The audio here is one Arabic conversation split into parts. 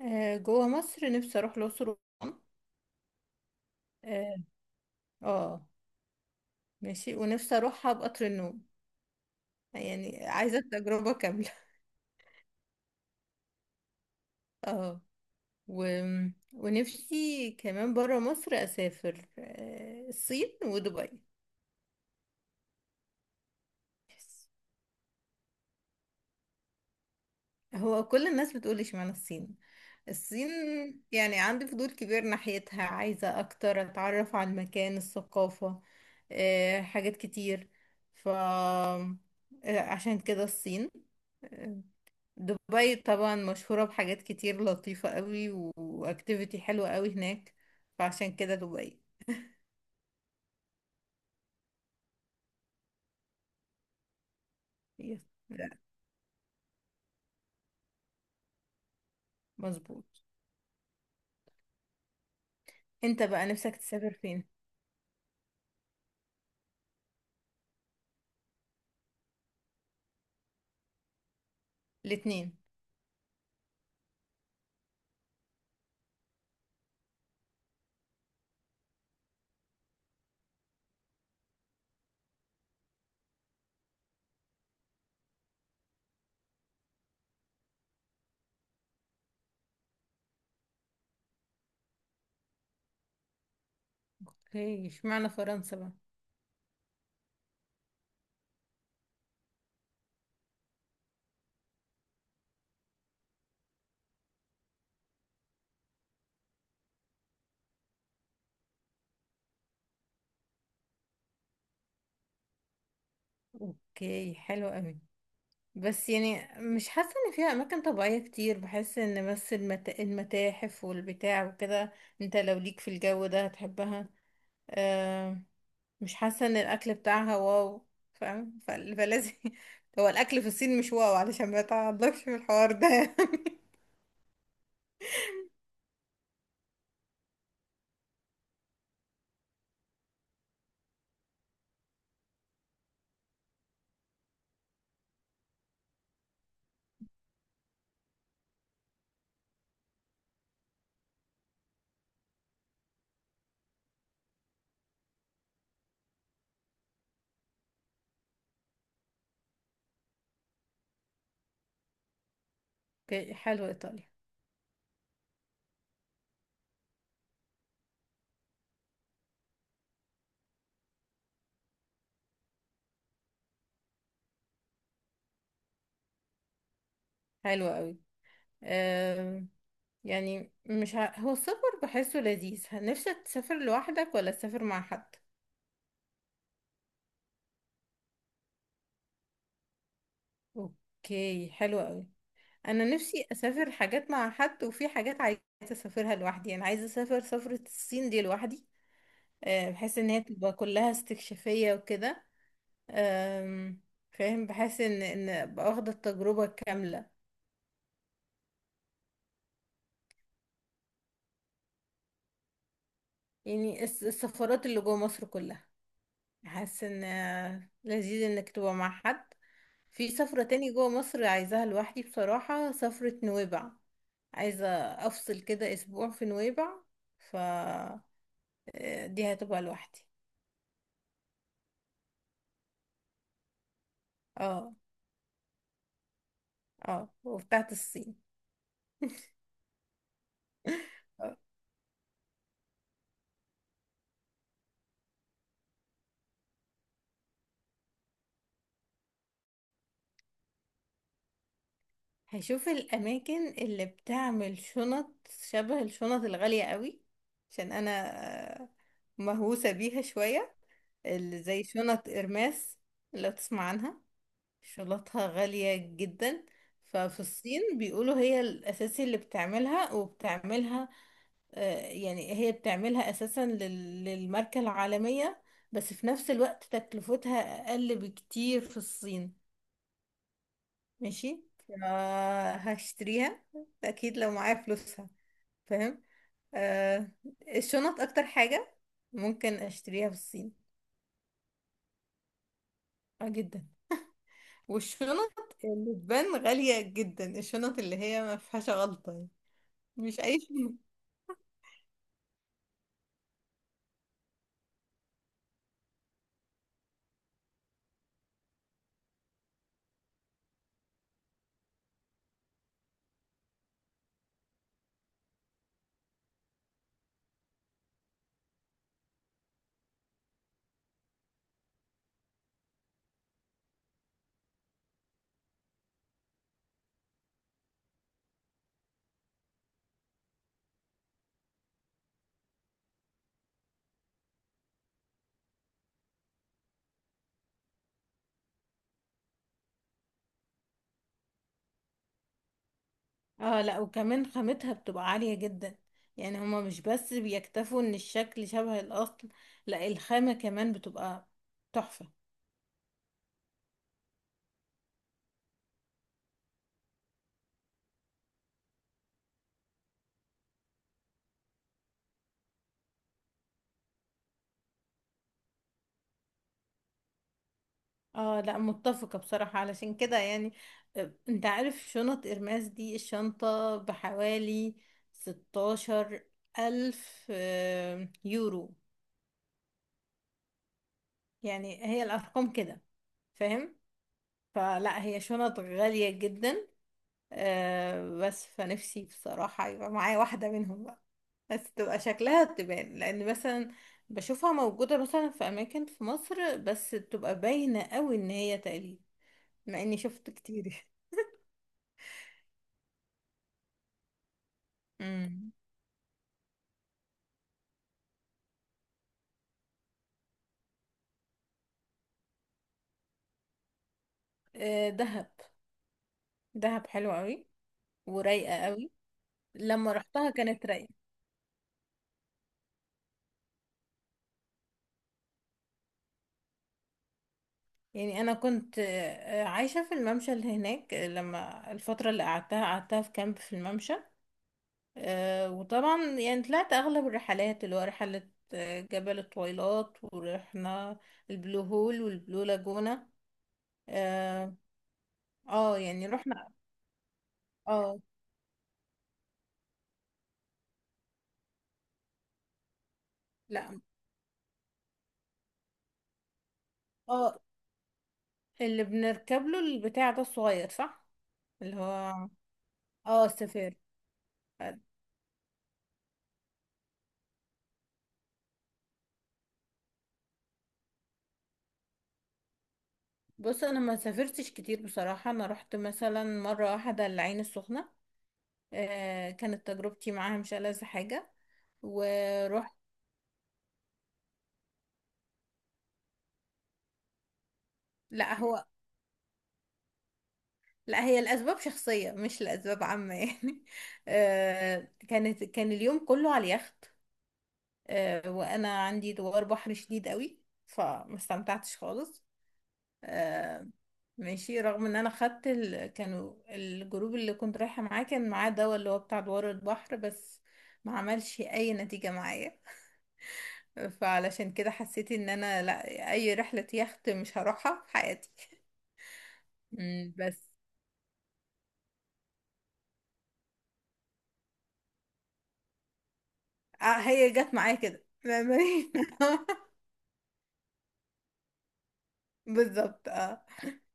جوه مصر نفسي اروح الاقصر واسوان. اه. آه، ماشي، ونفسي اروحها بقطر النوم. يعني عايزه التجربه كامله. اه. و... ونفسي كمان بره مصر اسافر، الصين ودبي. هو كل الناس بتقول اشمعنى الصين. الصين يعني عندي فضول كبير ناحيتها، عايزة اكتر اتعرف على المكان، الثقافة، حاجات كتير. ف آه، عشان كده الصين. آه، دبي طبعا مشهورة بحاجات كتير لطيفة قوي، واكتيفيتي حلوة قوي هناك. فعشان كده دبي. يس. لا، مظبوط. انت بقى نفسك تسافر فين؟ الاتنين. اوكي، اشمعنى فرنسا بقى؟ اوكي حلو قوي، بس يعني مش حاسة ان فيها اماكن طبيعية كتير، بحس ان بس المتاحف والبتاع وكده. انت لو ليك في الجو ده هتحبها. آه، مش حاسة ان الاكل بتاعها واو. فاهم، فلازم. هو الاكل في الصين مش واو علشان ما تعضلكش في الحوار ده. يعني. اوكي، حلو، ايطاليا. حلو قوي. آه، يعني مش هو السفر بحسه لذيذ. نفسك تسافر لوحدك ولا تسافر مع حد؟ اوكي حلو قوي. انا نفسي اسافر حاجات مع حد، وفي حاجات عايزه اسافرها لوحدي. انا عايزه اسافر سفره الصين دي لوحدي. آه، بحس ان هي تبقى كلها استكشافيه وكده. آم، فاهم، بحس ان أبقى واخده التجربه الكامله. يعني السفرات اللي جوه مصر كلها حاسه ان لذيذ انك تبقى مع حد. في سفره تاني جوه مصر عايزاها لوحدي، بصراحه سفره نويبع. عايزه افصل كده اسبوع في نويبع. ف دي هتبقى لوحدي. اه. اه، وبتاعت الصين. آه. هشوف الأماكن اللي بتعمل شنط شبه الشنط الغالية قوي، عشان أنا آه، مهووسة بيها شوية. اللي زي شنط إرماس، لو تسمع عنها، شنطها غالية جدا. ففي الصين بيقولوا هي الأساسي اللي بتعملها وبتعملها. آه، يعني هي بتعملها أساسا للماركة العالمية، بس في نفس الوقت تكلفتها أقل بكتير في الصين. ماشي، هشتريها اكيد لو معايا فلوسها. فاهم. آه، الشنط اكتر حاجة ممكن اشتريها في الصين. اه جدا. والشنط اللي تبان غالية جدا، الشنط اللي هي ما فيهاش غلطة يعني. مش اي شنط. اه لا، وكمان خامتها بتبقى عالية جدا. يعني هما مش بس بيكتفوا ان الشكل شبه الاصل، لا الخامة كمان بتبقى تحفة. اه لا، متفقة بصراحة. علشان كده يعني، انت عارف شنط ارماس دي الشنطة بحوالي 16 ألف يورو. يعني هي الأرقام كده. فاهم؟ فلا، هي شنط غالية جدا. آه، بس فنفسي بصراحة يبقى معايا واحدة منهم بقى، بس تبقى شكلها تبان، لأن مثلا بشوفها موجودة مثلا في أماكن في مصر بس تبقى باينة قوي إن هي تقليد، مع إني شفت كتير. آه، دهب. دهب حلوة قوي ورايقة قوي. لما رحتها كانت رايقة، يعني انا كنت عايشة في الممشى اللي هناك. لما الفترة اللي قعدتها في كامب في الممشى. آه، وطبعا يعني طلعت اغلب الرحلات، اللي هو رحلة جبل الطويلات، ورحنا البلو هول والبلو لاجونا. اه. آه، يعني رحنا. اه لا، اه، اللي بنركب له البتاع ده الصغير، صح؟ اللي هو، اه، السفير. بص انا ما سافرتش كتير بصراحه. انا رحت مثلا مره واحده العين السخنه، آه كانت تجربتي معاها مش ألذ حاجه. ورحت، لا هو، لا هي الاسباب شخصيه مش لاسباب عامه يعني. آه كانت، كان اليوم كله على اليخت، آه وانا عندي دوار بحر شديد قوي، فما استمتعتش خالص. آه، ماشي. رغم ان انا خدت كانوا الجروب اللي كنت رايحة معاه كان معاه دواء اللي هو بتاع دوار البحر، بس ما عملش اي نتيجة معايا. فعلشان كده حسيت ان انا لا، اي رحلة يخت مش هروحها في حياتي. مم، بس. آه، هي جت معايا كده. بالظبط اه.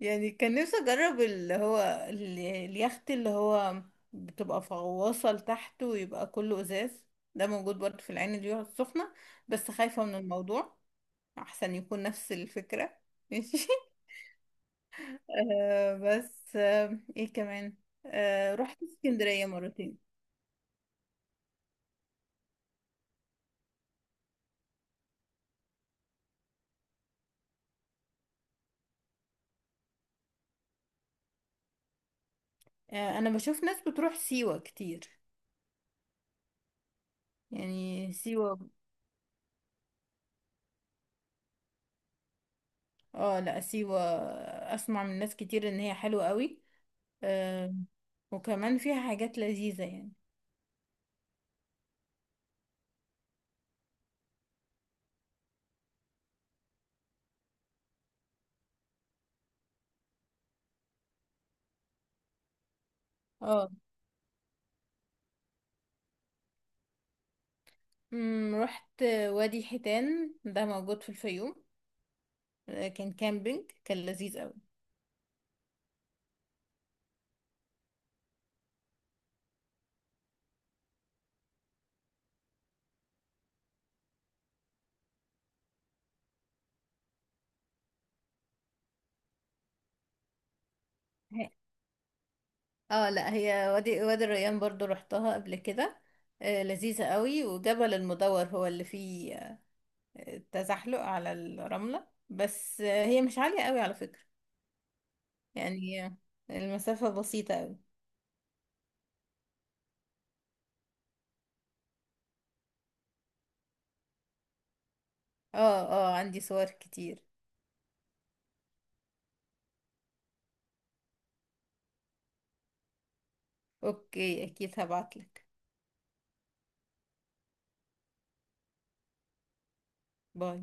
يعني كان نفسي اجرب اللي هو اليخت اللي هو بتبقى غواصه لتحت ويبقى كله ازاز. ده موجود برضه في العين اليوم السخنة، بس خايفة من الموضوع. احسن يكون نفس الفكرة. ماشي. آه بس، آه ايه كمان. آه، رحت اسكندرية مرتين. آه، انا بشوف ناس بتروح سيوة كتير. يعني سيوة. اه لا، سيوة اسمع من ناس كتير ان هي حلوة قوي. آه، وكمان فيها حاجات لذيذة يعني. اه. مم، رحت وادي حيتان ده موجود في الفيوم. آه، كان كامبينج، كان لذيذ قوي. هي- اه لا، هي وادي الريان برضو رحتها قبل كده. آه، لذيذة قوي. وجبل المدور هو اللي فيه تزحلق على الرملة، بس هي مش عالية قوي على فكرة. يعني المسافة بسيطة قوي. اه. اه، عندي صور كتير. اوكي اكيد هبعتلك. باي.